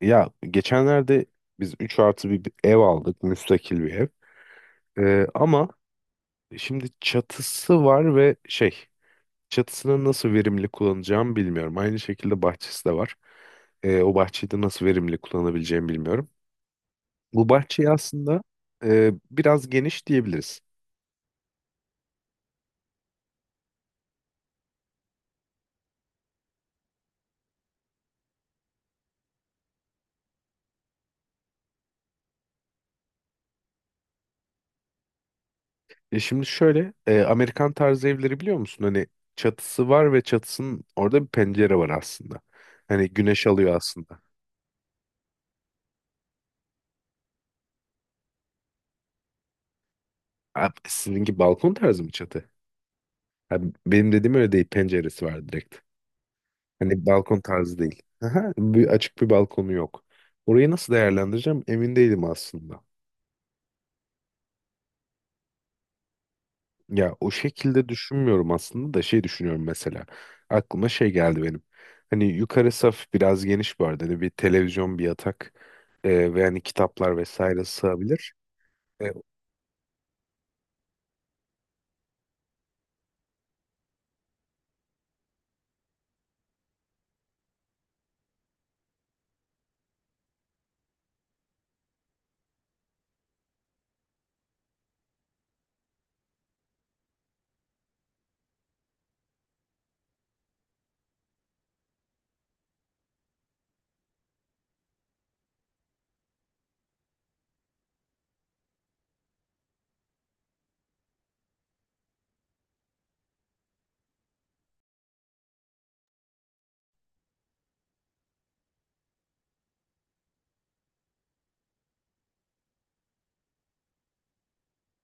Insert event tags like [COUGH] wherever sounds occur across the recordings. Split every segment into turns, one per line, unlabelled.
Ya geçenlerde biz 3 artı bir ev aldık. Müstakil bir ev. Ama şimdi çatısı var ve çatısını nasıl verimli kullanacağımı bilmiyorum. Aynı şekilde bahçesi de var. O bahçeyi de nasıl verimli kullanabileceğimi bilmiyorum. Bu bahçeyi aslında biraz geniş diyebiliriz. Şimdi şöyle Amerikan tarzı evleri biliyor musun? Hani çatısı var ve çatısının orada bir pencere var aslında. Hani güneş alıyor aslında. Abi, sizinki balkon tarzı mı çatı? Ha, benim dediğim öyle değil. Penceresi var direkt. Hani balkon tarzı değil. Aha, bir açık bir balkonu yok. Orayı nasıl değerlendireceğim emin değilim aslında. Ya o şekilde düşünmüyorum aslında da şey düşünüyorum mesela. Aklıma şey geldi benim. Hani yukarı saf biraz geniş bu arada. Hani bir televizyon, bir yatak ve hani kitaplar vesaire sığabilir. E,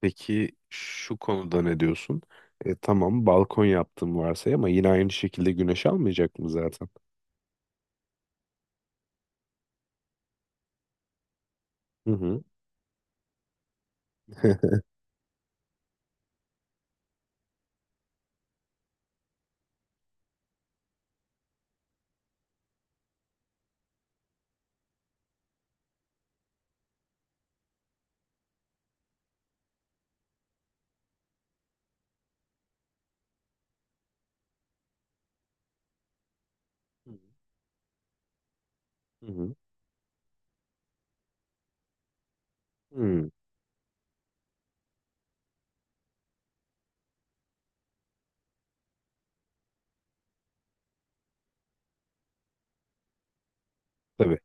peki şu konuda ne diyorsun? Tamam balkon yaptım varsay ama yine aynı şekilde güneş almayacak mı zaten? Hı hı. [LAUGHS] Hı hı. Hmm, tabii.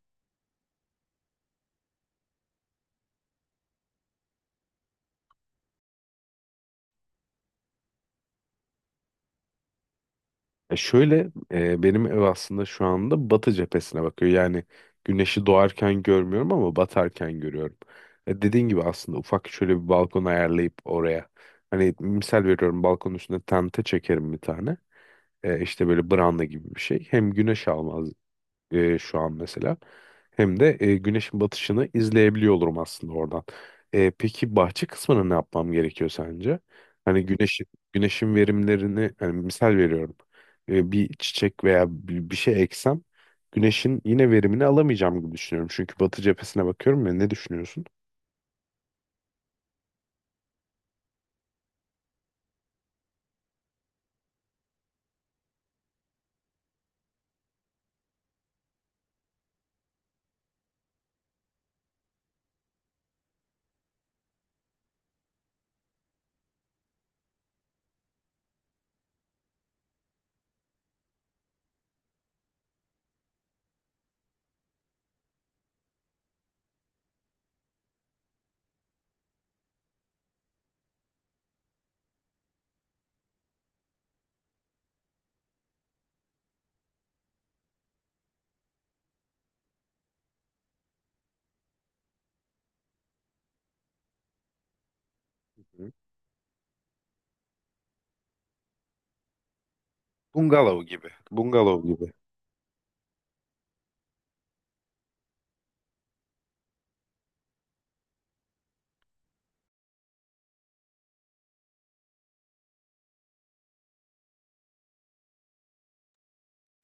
E şöyle benim ev aslında şu anda batı cephesine bakıyor. Yani güneşi doğarken görmüyorum ama batarken görüyorum. Dediğin gibi aslında ufak şöyle bir balkon ayarlayıp oraya. Hani misal veriyorum balkonun üstüne tente çekerim bir tane. İşte böyle branda gibi bir şey. Hem güneş almaz şu an mesela. Hem de güneşin batışını izleyebiliyor olurum aslında oradan. Peki bahçe kısmına ne yapmam gerekiyor sence? Hani güneşin verimlerini hani misal veriyorum. Bir çiçek veya bir şey eksem güneşin yine verimini alamayacağım gibi düşünüyorum. Çünkü batı cephesine bakıyorum ya, ne düşünüyorsun? Hı. Bungalov gibi. Bungalov gibi.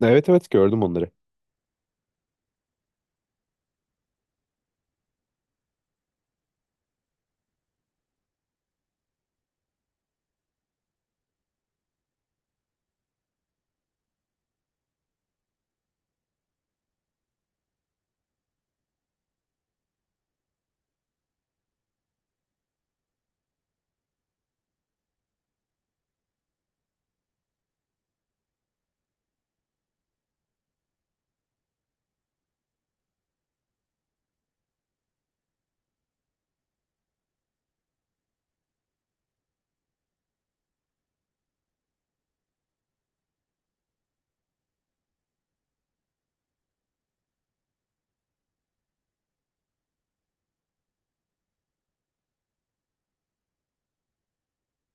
Evet, evet gördüm onları.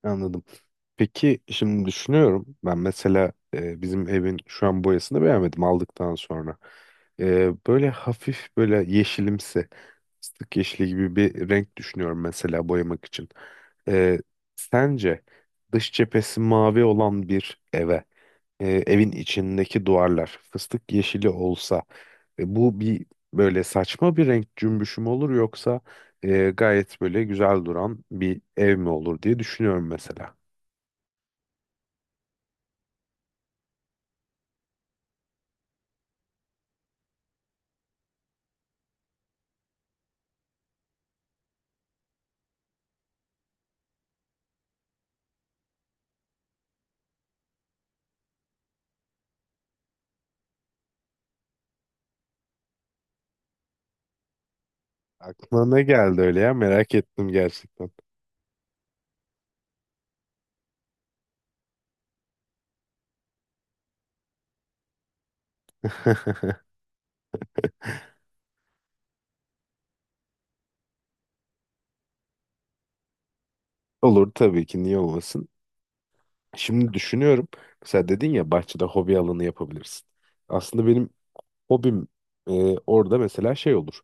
Anladım. Peki şimdi düşünüyorum ben mesela bizim evin şu an boyasını beğenmedim aldıktan sonra. Böyle hafif böyle yeşilimsi fıstık yeşili gibi bir renk düşünüyorum mesela boyamak için. E, Sence dış cephesi mavi olan bir eve evin içindeki duvarlar fıstık yeşili olsa bu bir böyle saçma bir renk cümbüşü mü olur yoksa gayet böyle güzel duran bir ev mi olur diye düşünüyorum mesela. Aklına ne geldi öyle ya, merak ettim gerçekten. [LAUGHS] Olur tabii ki, niye olmasın. Şimdi düşünüyorum. Mesela dedin ya bahçede hobi alanı yapabilirsin. Aslında benim hobim e, orada mesela şey olur.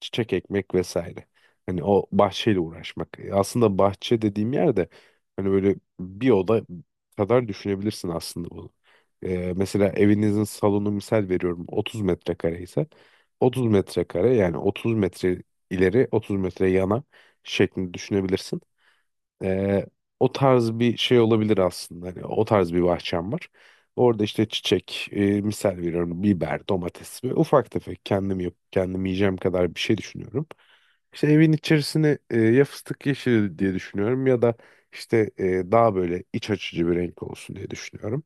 Çiçek ekmek vesaire. Hani o bahçeyle uğraşmak. Aslında bahçe dediğim yerde hani böyle bir oda kadar düşünebilirsin aslında bunu. Mesela evinizin salonu misal veriyorum 30 metrekare ise 30 metrekare yani 30 metre ileri 30 metre yana şeklinde düşünebilirsin. Ee, O tarz bir şey olabilir aslında. Hani o tarz bir bahçem var. Orada işte misal veriyorum biber, domates ve ufak tefek kendim yok, kendim yiyeceğim kadar bir şey düşünüyorum. İşte evin içerisini ya fıstık yeşili diye düşünüyorum ya da işte daha böyle iç açıcı bir renk olsun diye düşünüyorum.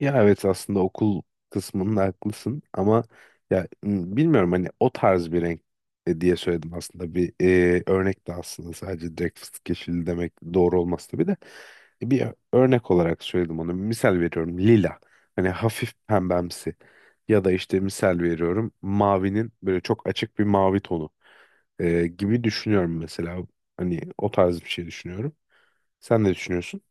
Ya evet, aslında okul kısmında haklısın ama ya bilmiyorum hani o tarz bir renk diye söyledim aslında bir örnek de aslında sadece direkt fıstık yeşili demek doğru olmaz tabii de bir örnek olarak söyledim onu, misal veriyorum lila, hani hafif pembemsi ya da işte misal veriyorum mavinin böyle çok açık bir mavi tonu gibi düşünüyorum mesela, hani o tarz bir şey düşünüyorum, sen ne düşünüyorsun?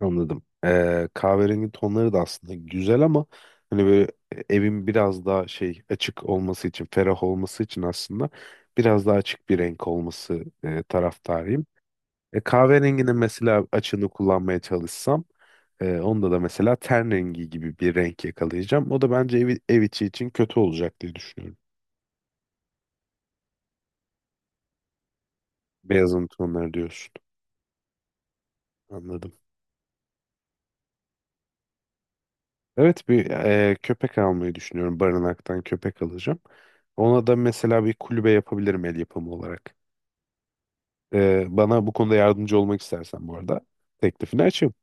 Anladım. Kahverengi tonları da aslında güzel ama hani böyle evin biraz daha şey açık olması için, ferah olması için aslında biraz daha açık bir renk olması taraftarıyım. Kahverenginin mesela açığını kullanmaya çalışsam onda da mesela ten rengi gibi bir renk yakalayacağım. O da bence ev içi için kötü olacak diye düşünüyorum. Beyazın tonları diyorsun. Anladım. Evet, bir köpek almayı düşünüyorum. Barınaktan köpek alacağım. Ona da mesela bir kulübe yapabilirim el yapımı olarak. Bana bu konuda yardımcı olmak istersen bu arada teklifini açayım.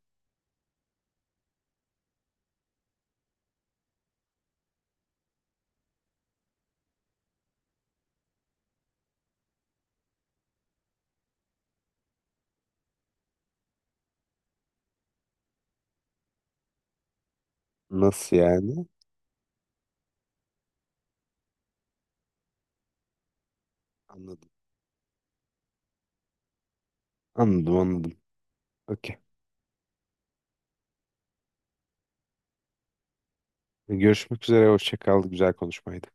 Nasıl yani? Anladım. Anladım. Okey. Görüşmek üzere. Hoşça kal. Güzel konuşmaydı.